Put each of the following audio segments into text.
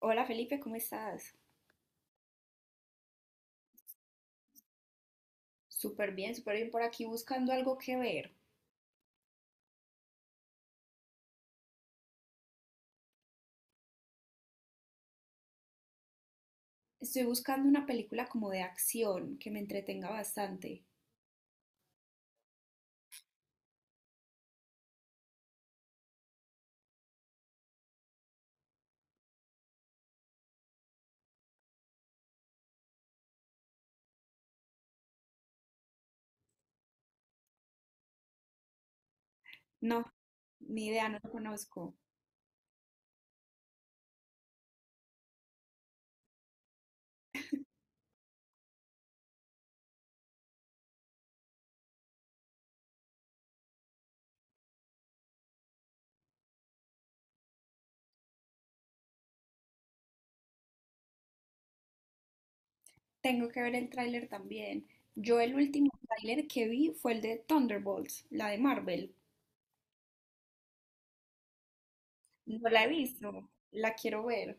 Hola Felipe, ¿cómo estás? Súper bien por aquí buscando algo que ver. Estoy buscando una película como de acción que me entretenga bastante. No, ni idea, no lo conozco. Tengo que ver el tráiler también. Yo el último tráiler que vi fue el de Thunderbolts, la de Marvel. No la he visto, la quiero ver.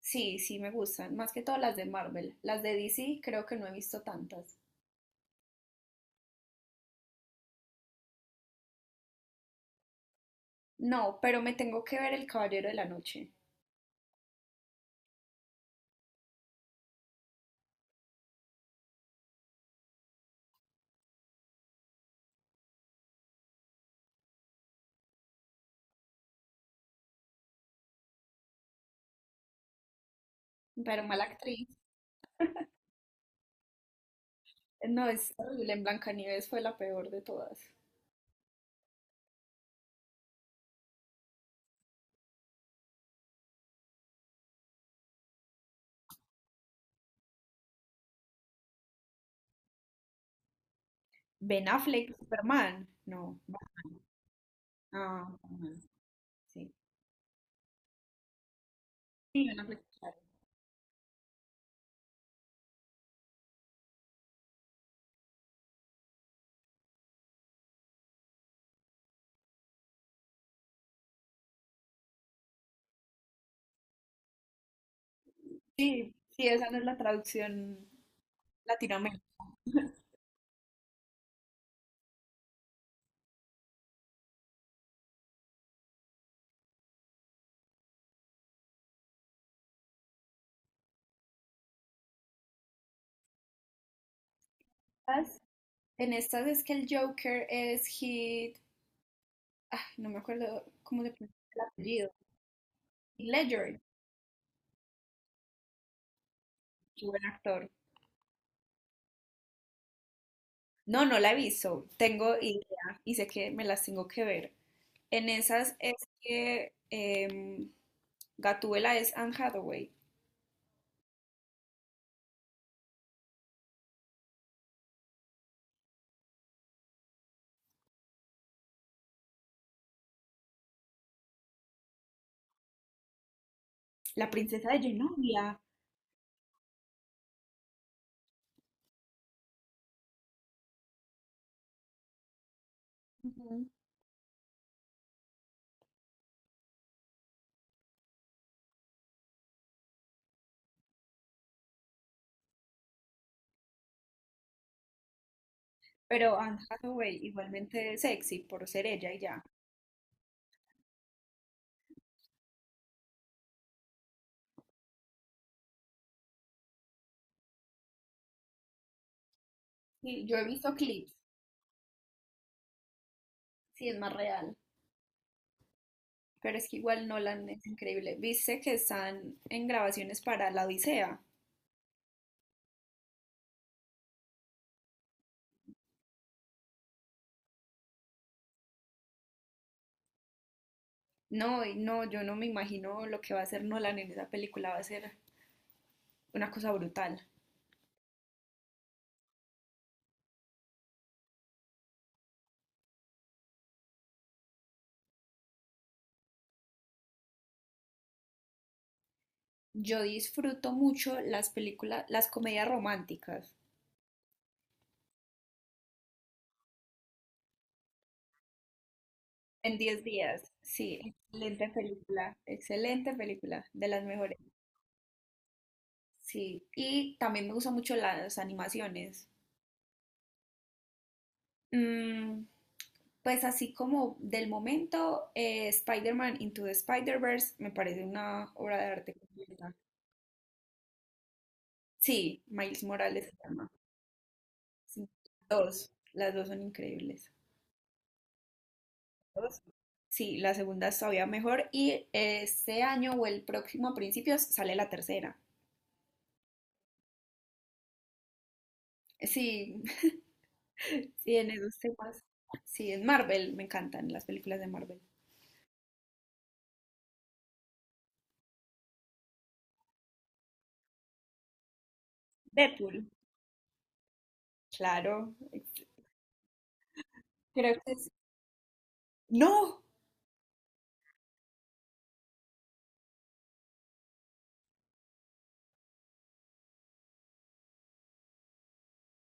Sí, sí, me gustan, más que todas las de Marvel. Las de DC creo que no he visto tantas. No, pero me tengo que ver El Caballero de la Noche. Pero mala actriz. No, es horrible. En Blancanieves fue la peor de todas. Ben Affleck, Superman. No. Batman. Ah, Batman, sí. Sí, Ben Affleck, claro. Sí, sí, esa no es la traducción latinoamericana. Estas, en estas es que el Joker es Heath, ah, no me acuerdo cómo se pronuncia el apellido, Heath Ledger, qué buen actor. No, no la he visto, tengo idea y sé que me las tengo que ver. En esas es que Gatúbela es Anne Hathaway, la princesa de Genovia. Ujú. Pero Anne Hathaway igualmente sexy por ser ella y ya. Sí, yo he visto clips, sí es más real, pero es que igual Nolan es increíble. ¿Viste que están en grabaciones para La Odisea? No, y no, yo no me imagino lo que va a hacer Nolan en esa película, va a ser una cosa brutal. Yo disfruto mucho las películas, las comedias románticas. En 10 días, sí, excelente película, de las mejores, sí. Y también me gustan mucho las animaciones. Mm, pues así como del momento, Spider-Man Into the Spider-Verse me parece una obra de arte completa. Sí, Miles Morales se llama. Sí, dos, las dos son increíbles. Dos. Sí, la segunda es todavía mejor y este año o el próximo a principios sale la tercera. Sí, sí, en esos temas. Sí, en Marvel, me encantan las películas de Marvel. Deadpool, claro. Creo que es... ¡No!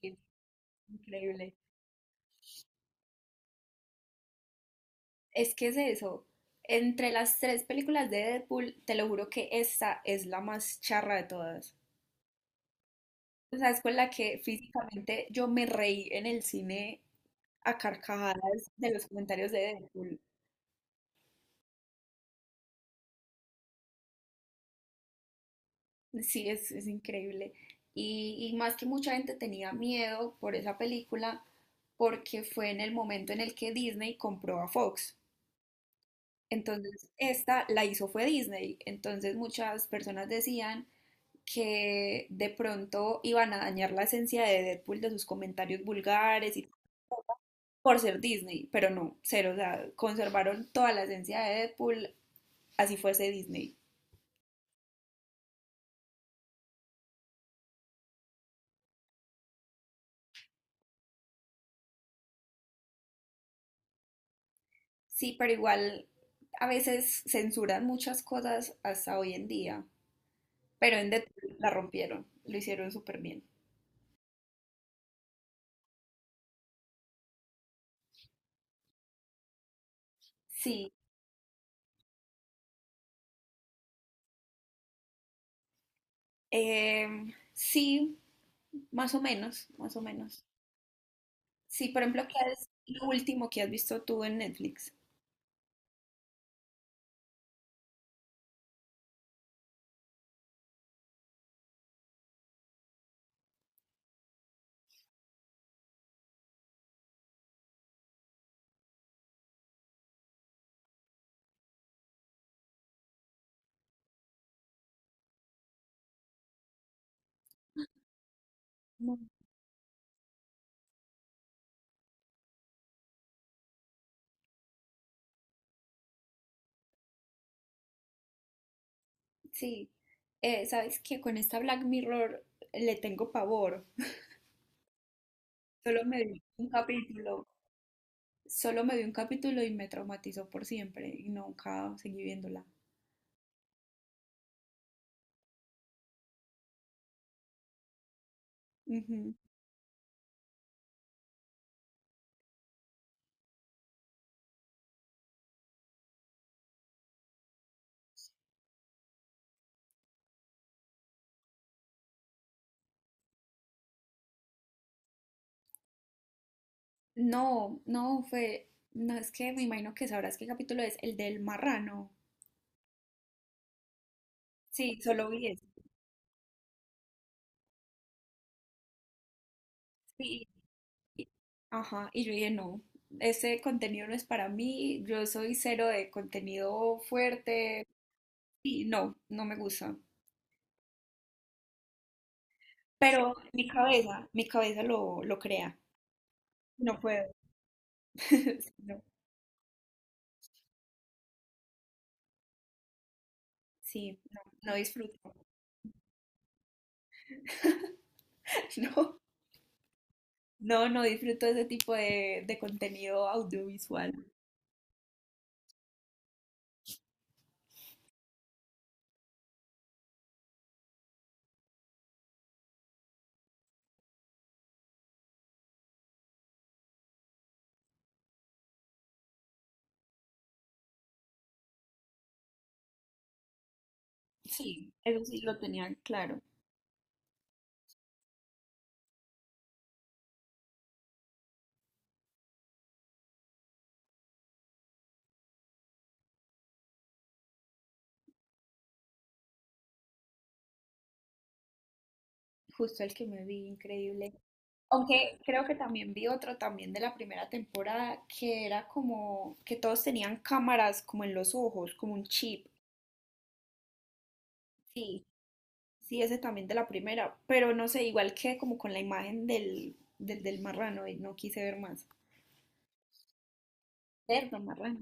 Sí, increíble. Es que es eso. Entre las tres películas de Deadpool, te lo juro que esta es la más charra de todas. O sea, es con la que físicamente yo me reí en el cine a carcajadas de los comentarios de Deadpool. Sí, es increíble. Y más que mucha gente tenía miedo por esa película, porque fue en el momento en el que Disney compró a Fox. Entonces, esta la hizo fue Disney. Entonces, muchas personas decían que de pronto iban a dañar la esencia de Deadpool de sus comentarios vulgares y por ser Disney, pero no, cero, o sea, conservaron toda la esencia de Deadpool, así fuese Disney. Sí, pero igual a veces censuran muchas cosas hasta hoy en día, pero en Deadpool la rompieron, lo hicieron súper bien. Sí, sí, más o menos, más o menos. Sí, por ejemplo, ¿qué es lo último que has visto tú en Netflix? No. Sí, sabes que con esta Black Mirror le tengo pavor. Solo me vi un capítulo, solo me vi un capítulo y me traumatizó por siempre y nunca seguí viéndola. Ujú. No, no fue, no es que me imagino que sabrás qué capítulo es, el del marrano. Sí, solo vi ese. Sí, y ajá, y yo dije, no, ese contenido no es para mí, yo soy cero de contenido fuerte, y no, no me gusta. Pero mi cabeza lo crea, no puedo. No, sí, no, no disfruto. No, no, no disfruto ese tipo de contenido audiovisual. Sí, eso sí lo tenía claro. Justo el que me vi, increíble. Aunque creo que también vi otro también de la primera temporada que era como que todos tenían cámaras como en los ojos, como un chip. Sí, sí, ese también de la primera, pero no sé, igual que como con la imagen del marrano y no quise ver más. Cerdo marrano.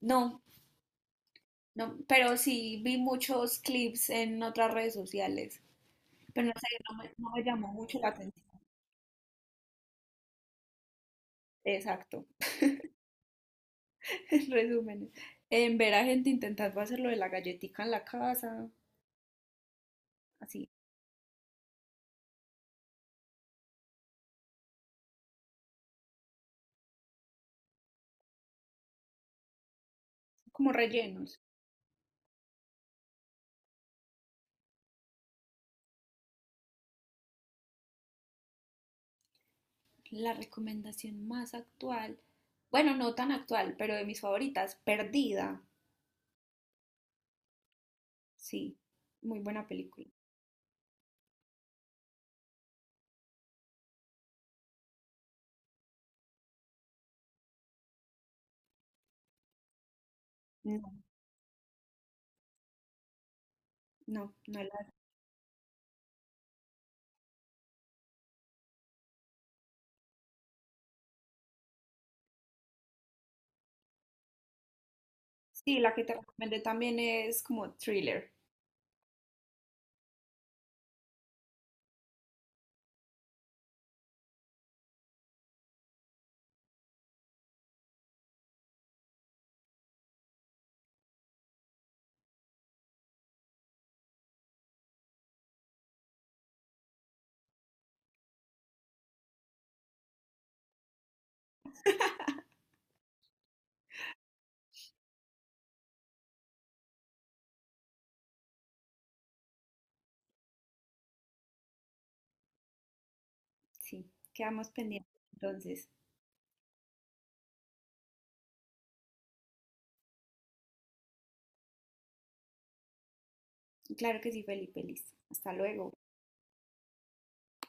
No, no, pero sí vi muchos clips en otras redes sociales, pero no sé, no me, no me llamó mucho la atención. Exacto. En resumen, en ver a gente intentando hacer lo de la galletica en la casa, así, como rellenos. La recomendación más actual, bueno, no tan actual, pero de mis favoritas, Perdida, sí, muy buena película. No, no, no la... Sí, la que te recomendé también es como thriller, sí, quedamos pendientes entonces. Claro que sí, Felipe, listo. Hasta luego.